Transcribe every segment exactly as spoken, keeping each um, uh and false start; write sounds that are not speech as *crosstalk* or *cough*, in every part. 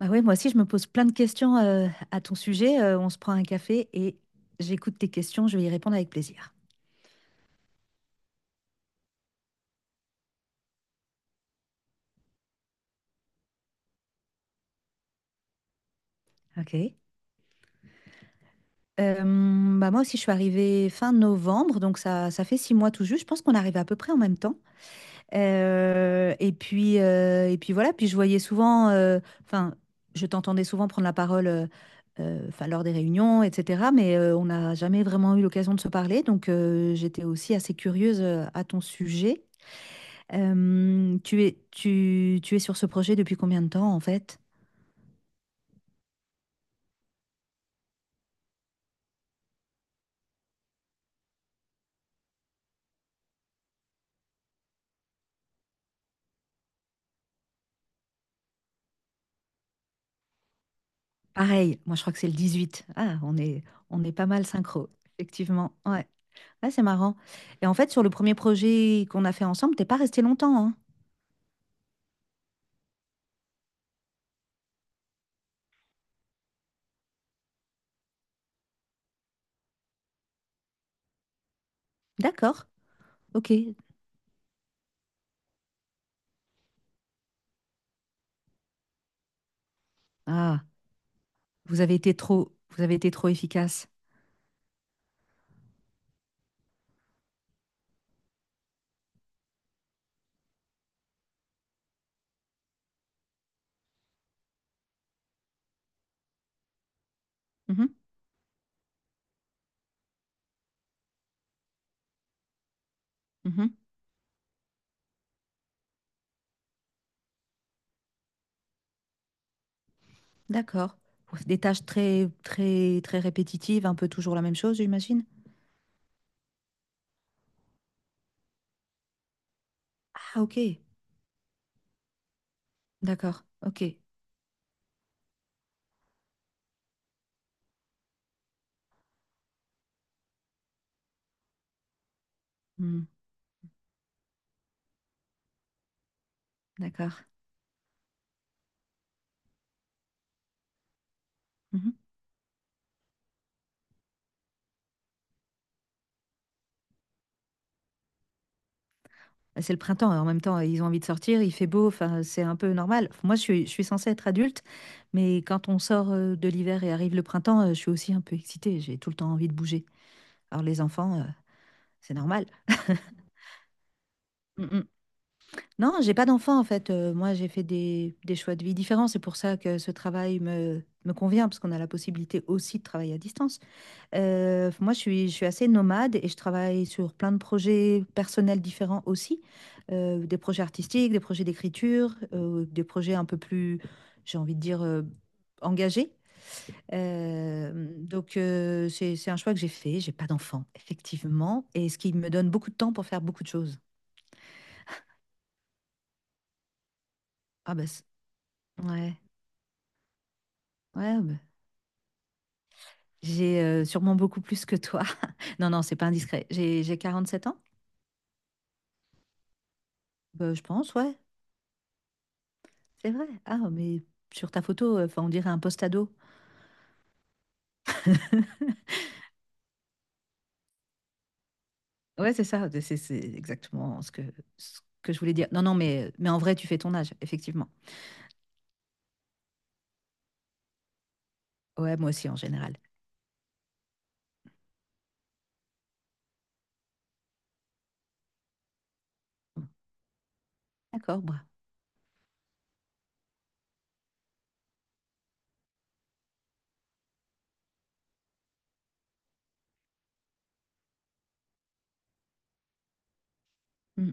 Bah ouais, moi aussi, je me pose plein de questions euh, à ton sujet. Euh, on se prend un café et j'écoute tes questions. Je vais y répondre avec plaisir. Ok. Euh, Bah moi aussi, je suis arrivée fin novembre, donc ça, ça fait six mois tout juste. Je pense qu'on arrive à peu près en même temps. Euh, et puis, euh, et puis voilà. Puis je voyais souvent, euh, enfin, je t'entendais souvent prendre la parole, euh, euh, enfin, lors des réunions, et cetera. Mais euh, on n'a jamais vraiment eu l'occasion de se parler, donc euh, j'étais aussi assez curieuse euh, à ton sujet. Euh, tu es, tu, tu es sur ce projet depuis combien de temps en fait? Pareil, moi je crois que c'est le dix-huit. Ah, on est, on est pas mal synchro, effectivement. Ouais, ouais, c'est marrant. Et en fait, sur le premier projet qu'on a fait ensemble, t'es pas resté longtemps, hein? D'accord, ok. Ah, vous avez été trop, vous avez été trop efficace. Mhm, mhm. D'accord. Ouais, des tâches très, très, très répétitives, un peu toujours la même chose, j'imagine. Ah, ok. D'accord. Ok. Hmm, d'accord. Mhm. Bah, c'est le printemps, et en même temps, ils ont envie de sortir, il fait beau, enfin, c'est un peu normal. Moi, je suis, je suis censée être adulte, mais quand on sort euh, de l'hiver et arrive le printemps, euh, je suis aussi un peu excitée, j'ai tout le temps envie de bouger. Alors les enfants, euh, c'est normal. *laughs* Non, j'ai pas d'enfant en fait. Euh, moi, j'ai fait des, des choix de vie différents. C'est pour ça que ce travail me, me convient, parce qu'on a la possibilité aussi de travailler à distance. Euh, moi, je suis, je suis assez nomade et je travaille sur plein de projets personnels différents aussi. Euh, des projets artistiques, des projets d'écriture, euh, des projets un peu plus, j'ai envie de dire, euh, engagés. Euh, donc, euh, c'est, c'est un choix que j'ai fait. J'ai pas d'enfant, effectivement. Et ce qui me donne beaucoup de temps pour faire beaucoup de choses. Ah, bah, c'est- ouais, ouais. bah, J'ai euh, sûrement beaucoup plus que toi. *laughs* Non, non, c'est pas indiscret. J'ai j'ai quarante-sept ans. Bah, je pense, ouais, c'est vrai. Ah, mais sur ta photo, euh, enfin, on dirait un post-ado. *laughs* Ouais, c'est ça, c'est c'est exactement ce que, ce que je voulais dire. Non, non, mais, mais en vrai, tu fais ton âge, effectivement. Ouais, moi aussi, en général. Mm. D'accord, moi. Mm.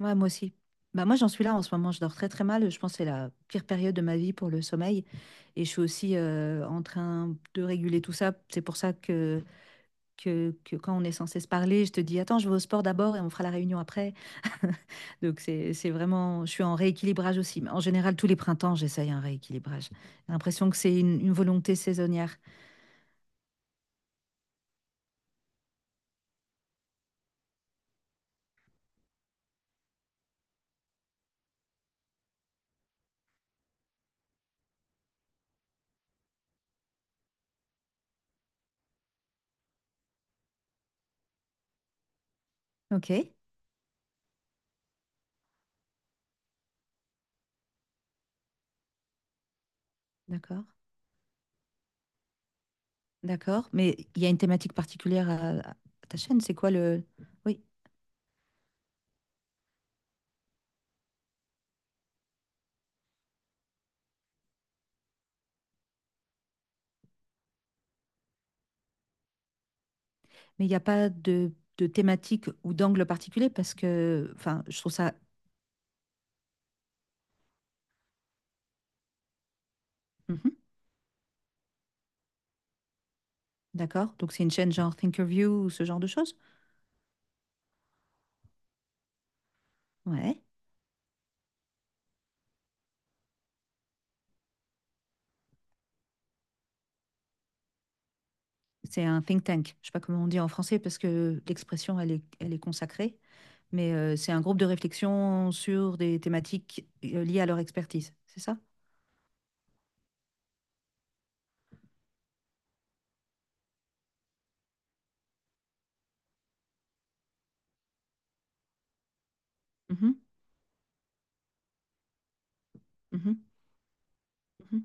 Ouais, moi aussi. Bah, moi, j'en suis là en ce moment, je dors très très mal. Je pense que c'est la pire période de ma vie pour le sommeil. Et je suis aussi euh, en train de réguler tout ça. C'est pour ça que que, que quand on est censé se parler, je te dis, attends, je vais au sport d'abord et on fera la réunion après. *laughs* Donc c'est, c'est vraiment, je suis en rééquilibrage aussi. Mais en général, tous les printemps, j'essaye un rééquilibrage. J'ai l'impression que c'est une, une volonté saisonnière. Ok, d'accord, d'accord. Mais il y a une thématique particulière à, à ta chaîne, c'est quoi le... Oui, mais il n'y a pas de, de thématique ou d'angle particulier parce que, enfin, je trouve ça... Mhm, d'accord, donc c'est une chaîne genre Thinkerview ou ce genre de choses? Ouais. C'est un think tank. Je ne sais pas comment on dit en français parce que l'expression, elle est, elle est consacrée, mais euh, c'est un groupe de réflexion sur des thématiques euh, liées à leur expertise. C'est ça? Mhm, mhm, mhm,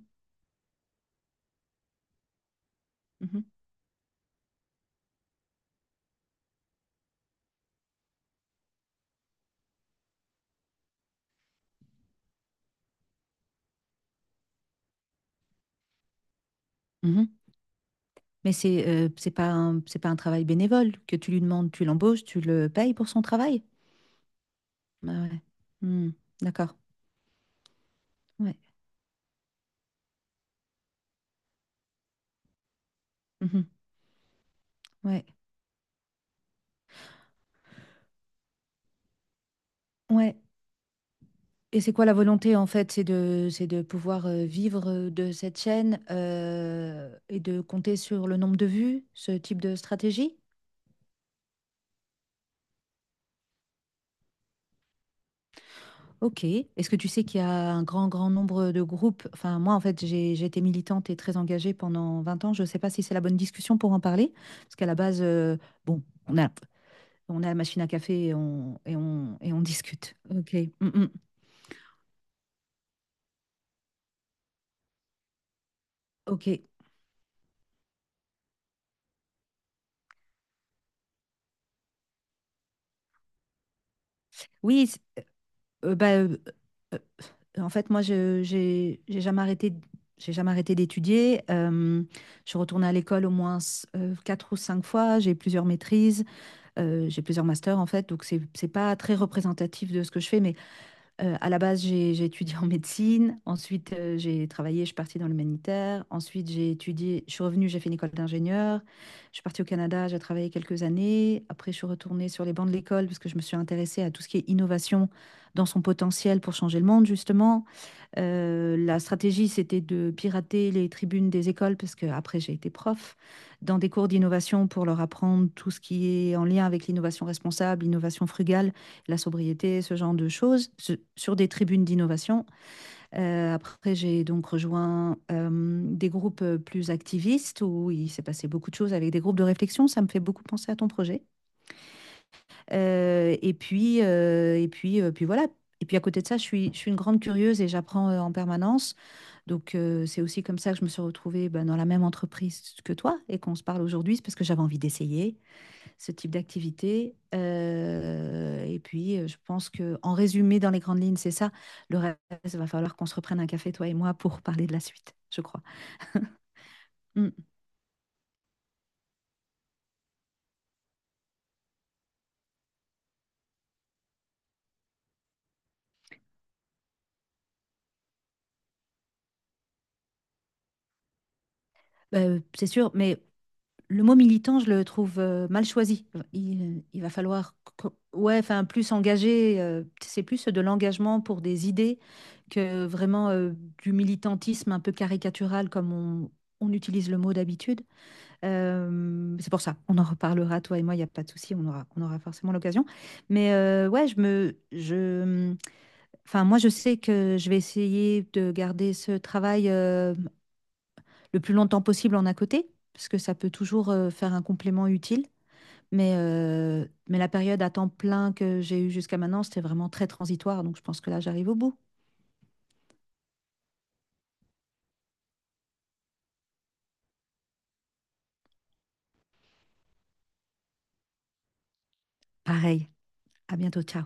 mhm, mhm. Mais c'est euh, c'est pas un, c'est pas un travail bénévole que tu lui demandes, tu l'embauches, tu le payes pour son travail. Ah ouais. Hmm, d'accord. Ouais. Mhm, ouais. Ouais. Et c'est quoi la volonté en fait? C'est de, c'est de pouvoir euh, vivre euh, de cette chaîne euh, et de compter sur le nombre de vues, ce type de stratégie? Ok. Est-ce que tu sais qu'il y a un grand, grand nombre de groupes? Enfin, moi en fait, j'ai, j'ai été militante et très engagée pendant vingt ans. Je ne sais pas si c'est la bonne discussion pour en parler, parce qu'à la base, euh, bon, on a, on a la machine à café et on, et on, et on discute. Ok. Mm, mm. Ok. Oui. Euh, bah, euh, euh, En fait, moi, je, j'ai, j'ai jamais arrêté, d- j'ai jamais arrêté d'étudier. Euh, je suis retournée à l'école au moins s- euh, quatre ou cinq fois. J'ai plusieurs maîtrises, euh, j'ai plusieurs masters, en fait. Donc, c'est, c'est pas très représentatif de ce que je fais, mais euh, à la base, j'ai j'ai étudié en médecine. Ensuite, euh, j'ai travaillé, je suis partie dans l'humanitaire. Ensuite, j'ai étudié, je suis revenue, j'ai fait une école d'ingénieur. Je suis partie au Canada, j'ai travaillé quelques années. Après, je suis retournée sur les bancs de l'école parce que je me suis intéressée à tout ce qui est innovation dans son potentiel pour changer le monde, justement. Euh, la stratégie, c'était de pirater les tribunes des écoles parce que après, j'ai été prof dans des cours d'innovation pour leur apprendre tout ce qui est en lien avec l'innovation responsable, l'innovation frugale, la sobriété, ce genre de choses, sur des tribunes d'innovation. Euh, après, j'ai donc rejoint euh, des groupes euh, plus activistes où il s'est passé beaucoup de choses avec des groupes de réflexion. Ça me fait beaucoup penser à ton projet. Euh, et puis, euh, et puis, euh, puis voilà. Et puis à côté de ça, je suis, je suis une grande curieuse et j'apprends euh, en permanence. Donc euh, c'est aussi comme ça que je me suis retrouvée ben, dans la même entreprise que toi et qu'on se parle aujourd'hui, c'est parce que j'avais envie d'essayer ce type d'activité. Euh, et puis, euh, je pense que, en résumé, dans les grandes lignes, c'est ça. Le reste, il va falloir qu'on se reprenne un café, toi et moi, pour parler de la suite, je crois. Mm. Euh, c'est sûr, mais le mot militant, je le trouve euh, mal choisi. Il, il va falloir, ouais, enfin, plus engagé. Euh, c'est plus de l'engagement pour des idées que vraiment euh, du militantisme un peu caricatural comme on, on utilise le mot d'habitude. Euh, c'est pour ça, on en reparlera, toi et moi, il n'y a pas de souci, on aura, on aura forcément l'occasion. Mais euh, ouais, je me, je, enfin, moi, je sais que je vais essayer de garder ce travail euh, le plus longtemps possible en à côté, parce que ça peut toujours euh, faire un complément utile. Mais, euh, mais la période à temps plein que j'ai eue jusqu'à maintenant, c'était vraiment très transitoire, donc je pense que là, j'arrive au bout. Pareil, à bientôt, ciao.